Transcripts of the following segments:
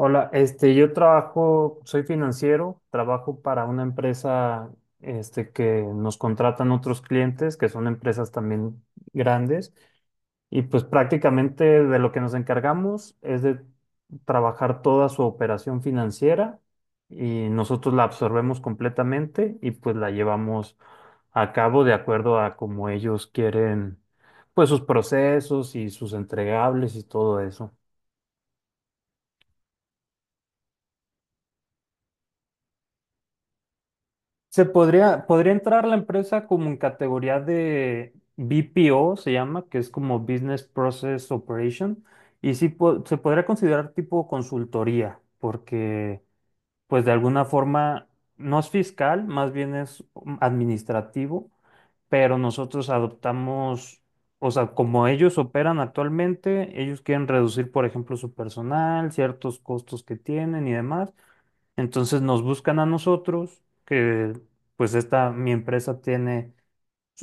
Hola, yo trabajo, soy financiero, trabajo para una empresa, que nos contratan otros clientes, que son empresas también grandes, y pues prácticamente de lo que nos encargamos es de trabajar toda su operación financiera y nosotros la absorbemos completamente y pues la llevamos a cabo de acuerdo a cómo ellos quieren, pues sus procesos y sus entregables y todo eso. Podría entrar la empresa como en categoría de BPO, se llama, que es como Business Process Operation, y se podría considerar tipo consultoría, porque pues de alguna forma no es fiscal, más bien es administrativo, pero nosotros adoptamos, o sea, como ellos operan actualmente, ellos quieren reducir, por ejemplo, su personal, ciertos costos que tienen y demás. Entonces nos buscan a nosotros, que pues esta, mi empresa tiene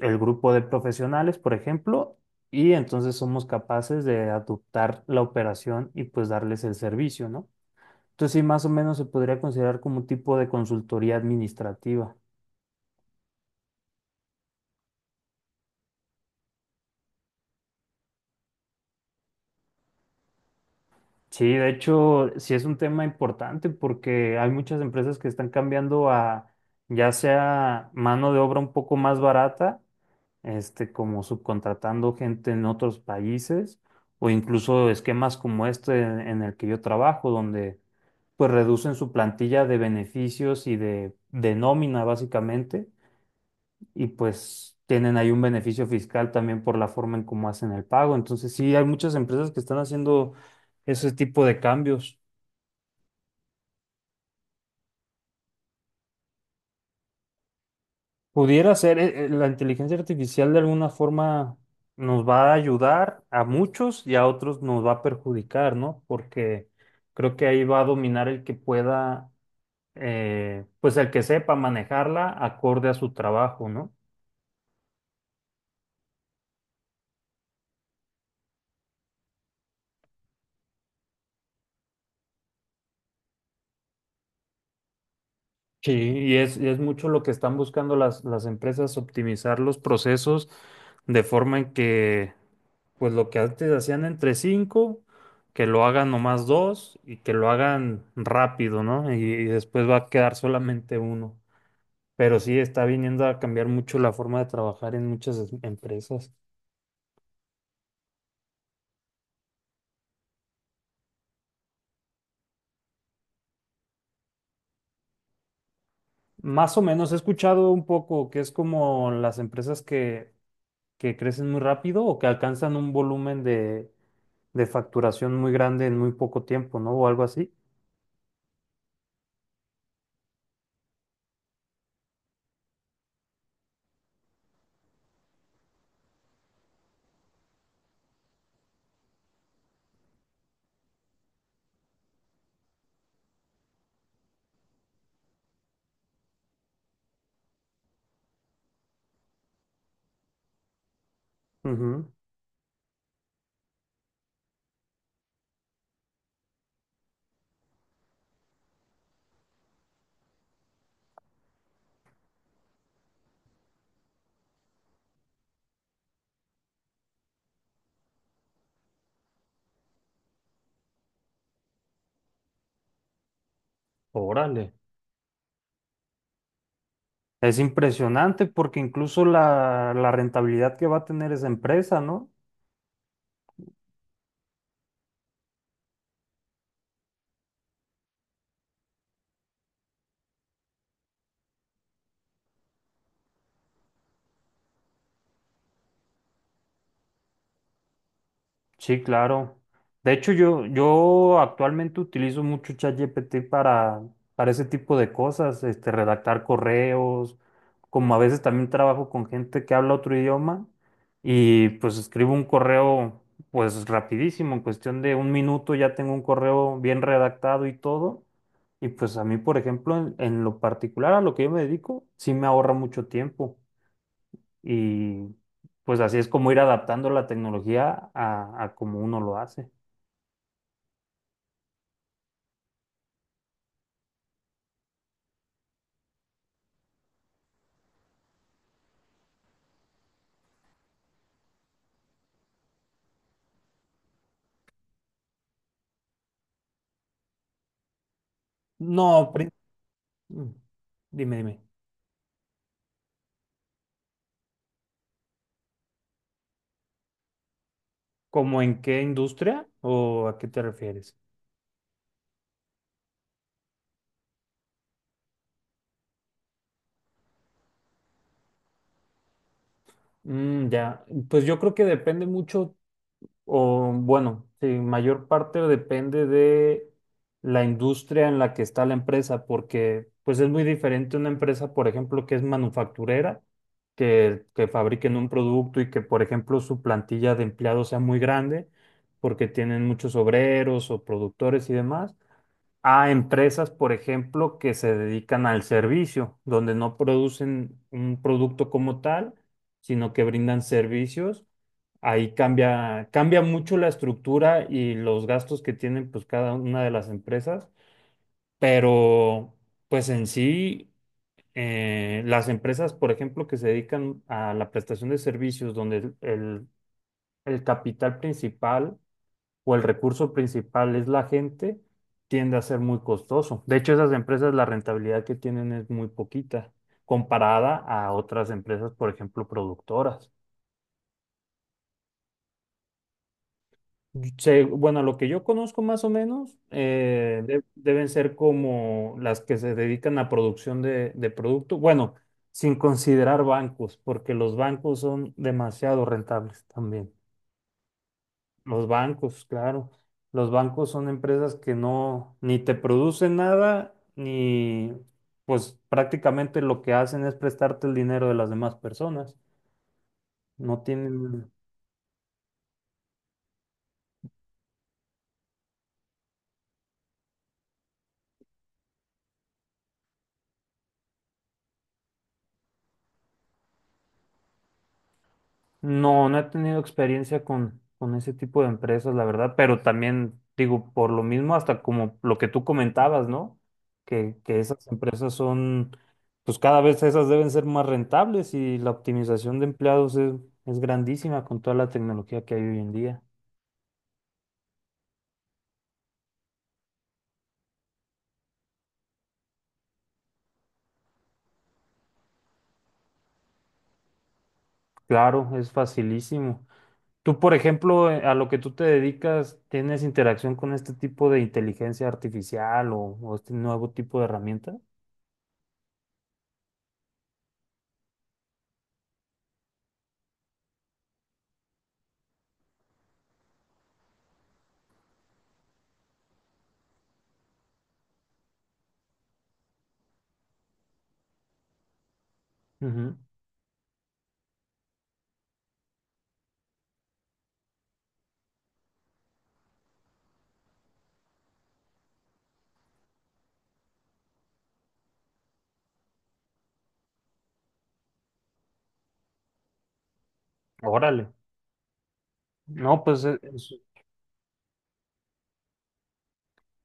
el grupo de profesionales, por ejemplo, y entonces somos capaces de adoptar la operación y pues darles el servicio, ¿no? Entonces sí, más o menos se podría considerar como un tipo de consultoría administrativa. Sí, de hecho, sí es un tema importante porque hay muchas empresas que están cambiando a ya sea mano de obra un poco más barata, como subcontratando gente en otros países o incluso esquemas como este en el que yo trabajo, donde pues reducen su plantilla de beneficios y de nómina básicamente y pues tienen ahí un beneficio fiscal también por la forma en cómo hacen el pago. Entonces sí, hay muchas empresas que están haciendo ese tipo de cambios. Pudiera ser, la inteligencia artificial de alguna forma nos va a ayudar a muchos y a otros nos va a perjudicar, ¿no? Porque creo que ahí va a dominar el que pueda, pues el que sepa manejarla acorde a su trabajo, ¿no? Sí, y es mucho lo que están buscando las empresas, optimizar los procesos de forma en que, pues lo que antes hacían entre cinco, que lo hagan nomás dos y que lo hagan rápido, ¿no? Y después va a quedar solamente uno. Pero sí está viniendo a cambiar mucho la forma de trabajar en muchas empresas. Más o menos he escuchado un poco que es como las empresas que crecen muy rápido o que alcanzan un volumen de facturación muy grande en muy poco tiempo, ¿no? O algo así. Ujú. Órale. Es impresionante porque incluso la rentabilidad que va a tener esa empresa, ¿no? Sí, claro. De hecho, yo actualmente utilizo mucho ChatGPT para ese tipo de cosas, redactar correos, como a veces también trabajo con gente que habla otro idioma y pues escribo un correo pues rapidísimo, en cuestión de un minuto ya tengo un correo bien redactado y todo. Y pues a mí, por ejemplo, en lo particular a lo que yo me dedico, sí me ahorra mucho tiempo. Y pues así es como ir adaptando la tecnología a como uno lo hace. No, pri- mm, dime, dime. ¿Cómo en qué industria o a qué te refieres? Ya, pues yo creo que depende mucho. O bueno, sí, mayor parte depende de la industria en la que está la empresa, porque pues es muy diferente una empresa, por ejemplo, que es manufacturera, que fabriquen un producto y que, por ejemplo, su plantilla de empleados sea muy grande, porque tienen muchos obreros o productores y demás, a empresas, por ejemplo, que se dedican al servicio, donde no producen un producto como tal, sino que brindan servicios ahí cambia, cambia mucho la estructura y los gastos que tienen pues cada una de las empresas, pero pues en sí, las empresas, por ejemplo, que se dedican a la prestación de servicios, donde el capital principal o el recurso principal es la gente, tiende a ser muy costoso. De hecho, esas empresas, la rentabilidad que tienen es muy poquita comparada a otras empresas, por ejemplo, productoras. Bueno, lo que yo conozco más o menos deben ser como las que se dedican a producción de producto. Bueno, sin considerar bancos, porque los bancos son demasiado rentables también. Los bancos, claro. Los bancos son empresas que no, ni te producen nada, ni pues prácticamente lo que hacen es prestarte el dinero de las demás personas. No tienen. No, no he tenido experiencia con ese tipo de empresas, la verdad, pero también digo, por lo mismo, hasta como lo que tú comentabas, ¿no? Que esas empresas son, pues cada vez esas deben ser más rentables y la optimización de empleados es grandísima con toda la tecnología que hay hoy en día. Claro, es facilísimo. Tú, por ejemplo, a lo que tú te dedicas, ¿tienes interacción con este tipo de inteligencia artificial o este nuevo tipo de herramienta? Ujú. Órale. No, pues e- eso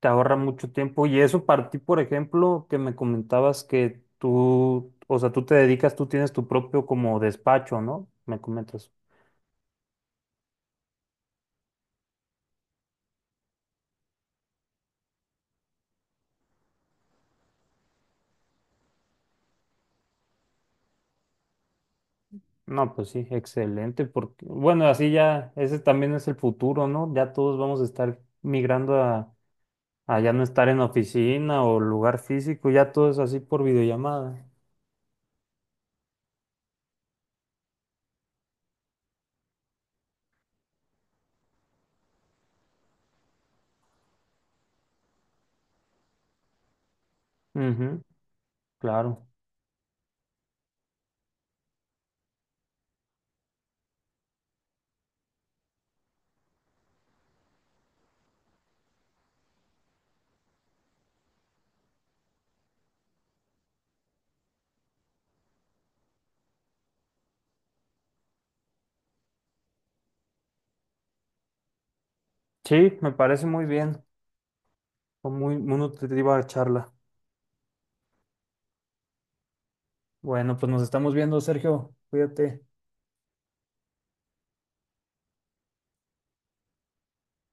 te ahorra mucho tiempo. Y eso para ti, por ejemplo, que me comentabas que tú, o sea, tú te dedicas, tú tienes tu propio como despacho, ¿no? Me comentas. No, pues sí, excelente, porque, bueno, así ya, ese también es el futuro, ¿no? Ya todos vamos a estar migrando a ya no estar en oficina o lugar físico, ya todo es así por videollamada. Ujú, claro. Sí, me parece muy bien. Fue muy, muy nutritiva la charla. Bueno, pues nos estamos viendo, Sergio. Cuídate.